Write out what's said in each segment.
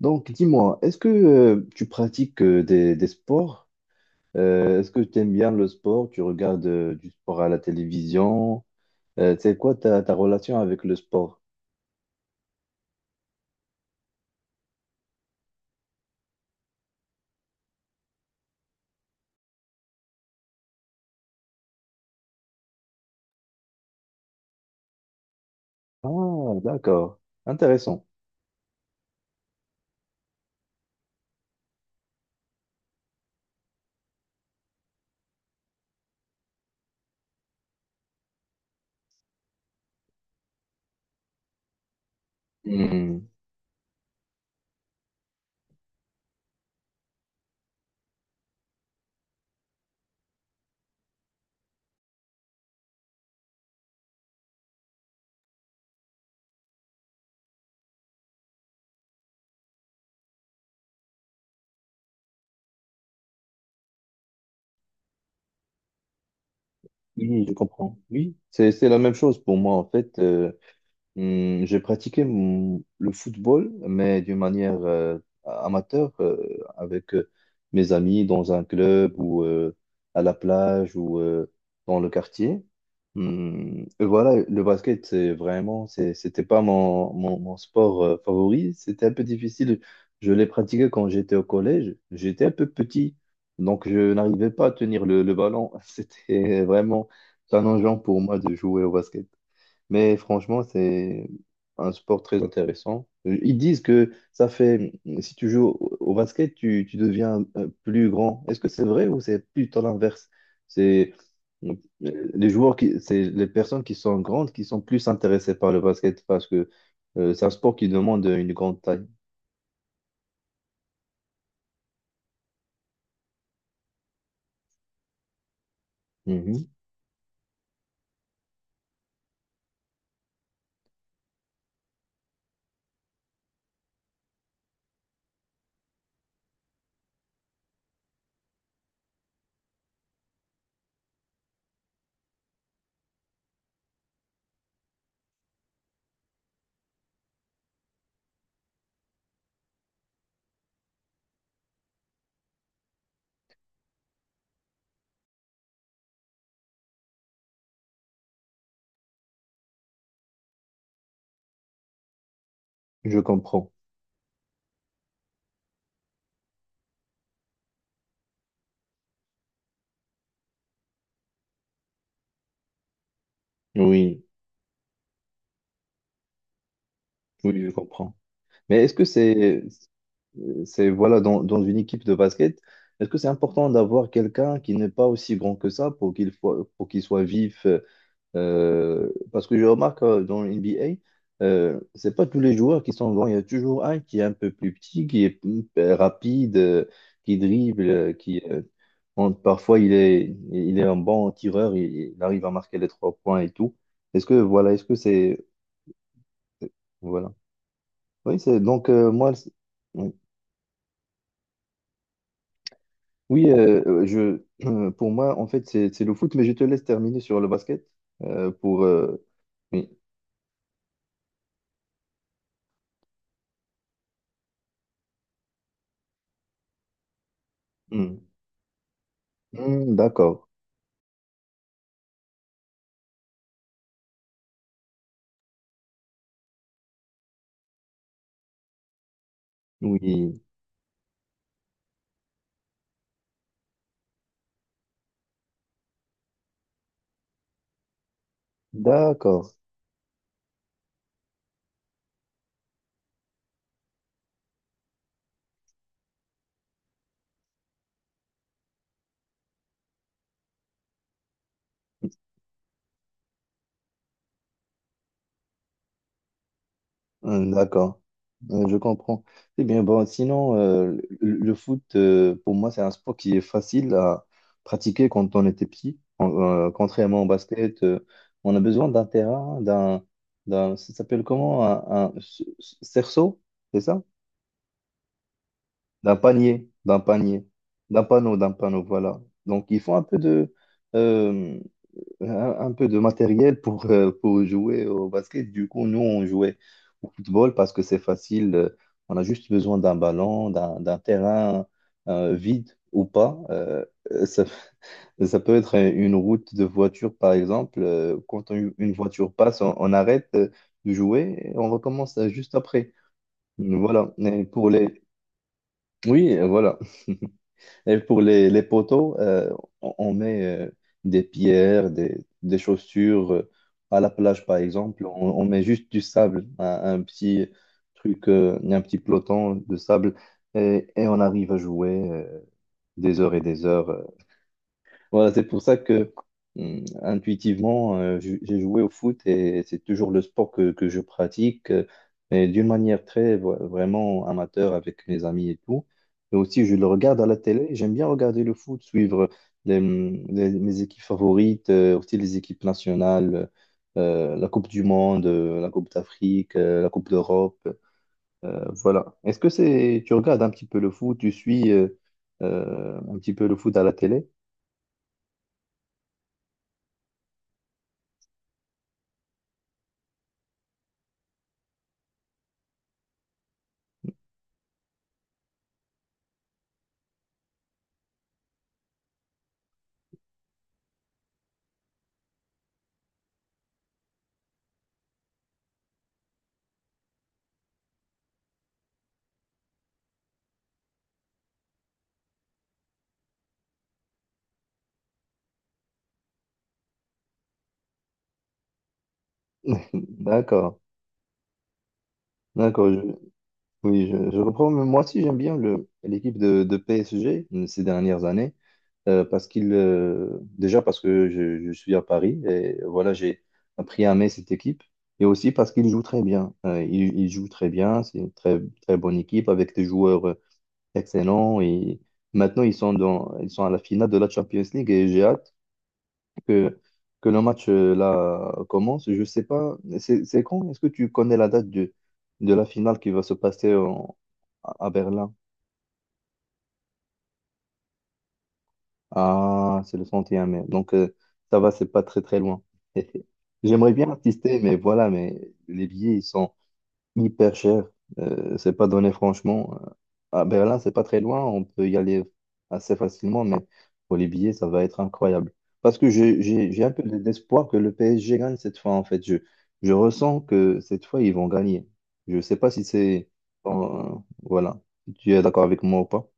Donc, dis-moi, est-ce que tu pratiques des sports? Est-ce que tu aimes bien le sport? Tu regardes du sport à la télévision? C'est quoi ta relation avec le sport? Ah, d'accord. Intéressant. Hmm. Oui, je comprends. Oui, c'est la même chose pour moi, en fait. J'ai pratiqué le football, mais d'une manière amateur, avec mes amis dans un club ou à la plage ou dans le quartier. Et voilà, le basket, c'est vraiment, c'était pas mon, mon sport favori. C'était un peu difficile. Je l'ai pratiqué quand j'étais au collège. J'étais un peu petit, donc je n'arrivais pas à tenir le ballon. C'était vraiment challengeant pour moi de jouer au basket. Mais franchement, c'est un sport très intéressant. Ils disent que ça fait, si tu joues au basket, tu deviens plus grand. Est-ce que c'est vrai ou c'est plutôt l'inverse? C'est euh, les joueurs qui, c'est les personnes qui sont grandes qui sont plus intéressées par le basket parce que c'est un sport qui demande une grande taille. Mhm. Je comprends. Oui, oui, je comprends. Mais est-ce que c'est voilà dans, dans une équipe de basket, est-ce que c'est important d'avoir quelqu'un qui n'est pas aussi grand que ça pour pour qu'il soit vif parce que je remarque dans le NBA, c'est pas tous les joueurs qui sont grands, il y a toujours un qui est un peu plus petit, qui est rapide, qui dribble, qui bon, parfois il est un bon tireur, il arrive à marquer les trois points et tout. Est-ce que voilà, est-ce que c'est voilà. Oui, c'est donc moi. Oui, je, pour moi, en fait, c'est le foot, mais je te laisse terminer sur le basket pour. Oui. Hmm. Hmm, d'accord. Oui. D'accord. Hmm, d'accord. Hmm, je comprends. Eh bien, bon, sinon, le foot, pour moi, c'est un sport qui est facile à pratiquer quand on était petit. Contrairement au basket, on a besoin d'un terrain, d'un, ça s'appelle comment? Un cerceau, c'est ça? D'un panier, d'un panneau, voilà. Donc, il faut euh, un, un peu de matériel pour jouer au basket. Du coup, nous, on jouait au football parce que c'est facile. On a juste besoin d'un ballon, d'un terrain vide ou pas. Ça, ça peut être une route de voiture, par exemple. Quand une voiture passe, on arrête de jouer et on recommence juste après. Voilà. Oui, voilà. Et pour les poteaux, on met des pierres, des chaussures. À la plage, par exemple, on met juste du sable, un petit truc, un petit peloton de sable, et on arrive à jouer des heures et des heures. Voilà, c'est pour ça que intuitivement, j'ai joué au foot et c'est toujours le sport que je pratique, mais d'une manière très vraiment amateur avec mes amis et tout. Et aussi, je le regarde à la télé. J'aime bien regarder le foot, suivre mes équipes favorites, aussi les équipes nationales, la Coupe du Monde, la Coupe d'Afrique, la Coupe d'Europe. Voilà. Est-ce que c'est, tu regardes un petit peu le foot, tu suis un petit peu le foot à la télé? D'accord, d'accord. Oui, je reprends. Mais moi aussi, j'aime bien l'équipe de PSG ces dernières années parce qu'il, déjà parce que je suis à Paris et voilà, j'ai appris à aimer cette équipe et aussi parce qu'il joue très bien. Il joue très bien. C'est une très très bonne équipe avec des joueurs excellents et maintenant ils sont à la finale de la Champions League et j'ai hâte que, que le match là commence. Je sais pas, c'est quand? Est-ce que tu connais la date de la finale qui va se passer à Berlin? Ah, c'est le 31 mai. Donc ça va, c'est pas très très loin. J'aimerais bien assister, mais voilà, mais les billets ils sont hyper cher. C'est pas donné franchement. À Berlin, c'est pas très loin, on peut y aller assez facilement, mais pour les billets, ça va être incroyable. Parce que j'ai un peu d'espoir que le PSG gagne cette fois, en fait. Je ressens que cette fois, ils vont gagner. Je sais pas si c'est. Euh, voilà. Si tu es d'accord avec moi ou pas?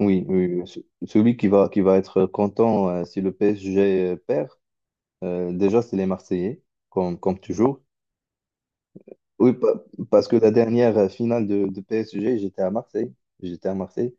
Oui, oui, oui. Oui. Celui qui va être content si le PSG perd, déjà, c'est les Marseillais, comme toujours. Oui, parce que la dernière finale de PSG, j'étais à Marseille. J'étais à Marseille.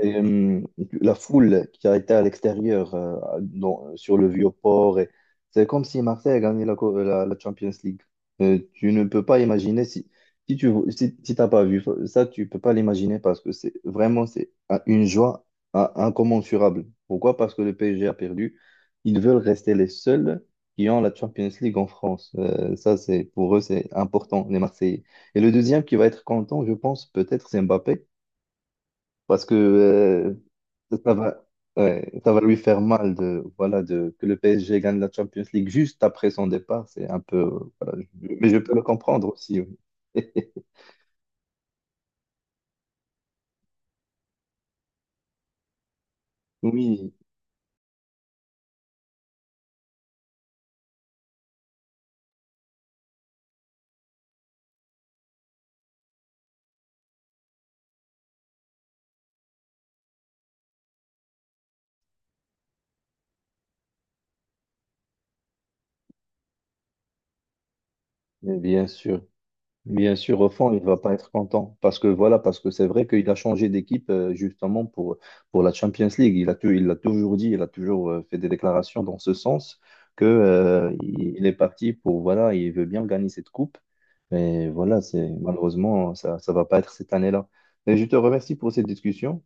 Et, la foule qui a été à l'extérieur, sur le Vieux-Port, et c'est comme si Marseille a gagné la Champions League. Tu ne peux pas imaginer si, si tu si t'as pas vu ça, tu peux pas l'imaginer parce que c'est vraiment c'est une joie incommensurable. Pourquoi? Parce que le PSG a perdu. Ils veulent rester les seuls qui ont la Champions League en France. Ça, c'est pour eux, c'est important, les Marseillais. Et le deuxième qui va être content, je pense, peut-être, c'est Mbappé, parce que ça va, ouais, ça va lui faire mal de, voilà, de, que le PSG gagne la Champions League juste après son départ. C'est un peu, voilà, mais je peux le comprendre aussi. Oui, Oui, mais bien sûr. Bien sûr, au fond, il va pas être content parce que voilà, parce que c'est vrai qu'il a changé d'équipe justement pour la Champions League. Il l'a toujours dit, il a toujours fait des déclarations dans ce sens que il est parti pour voilà, il veut bien gagner cette coupe. Mais voilà, c'est malheureusement ça va pas être cette année-là. Et je te remercie pour cette discussion.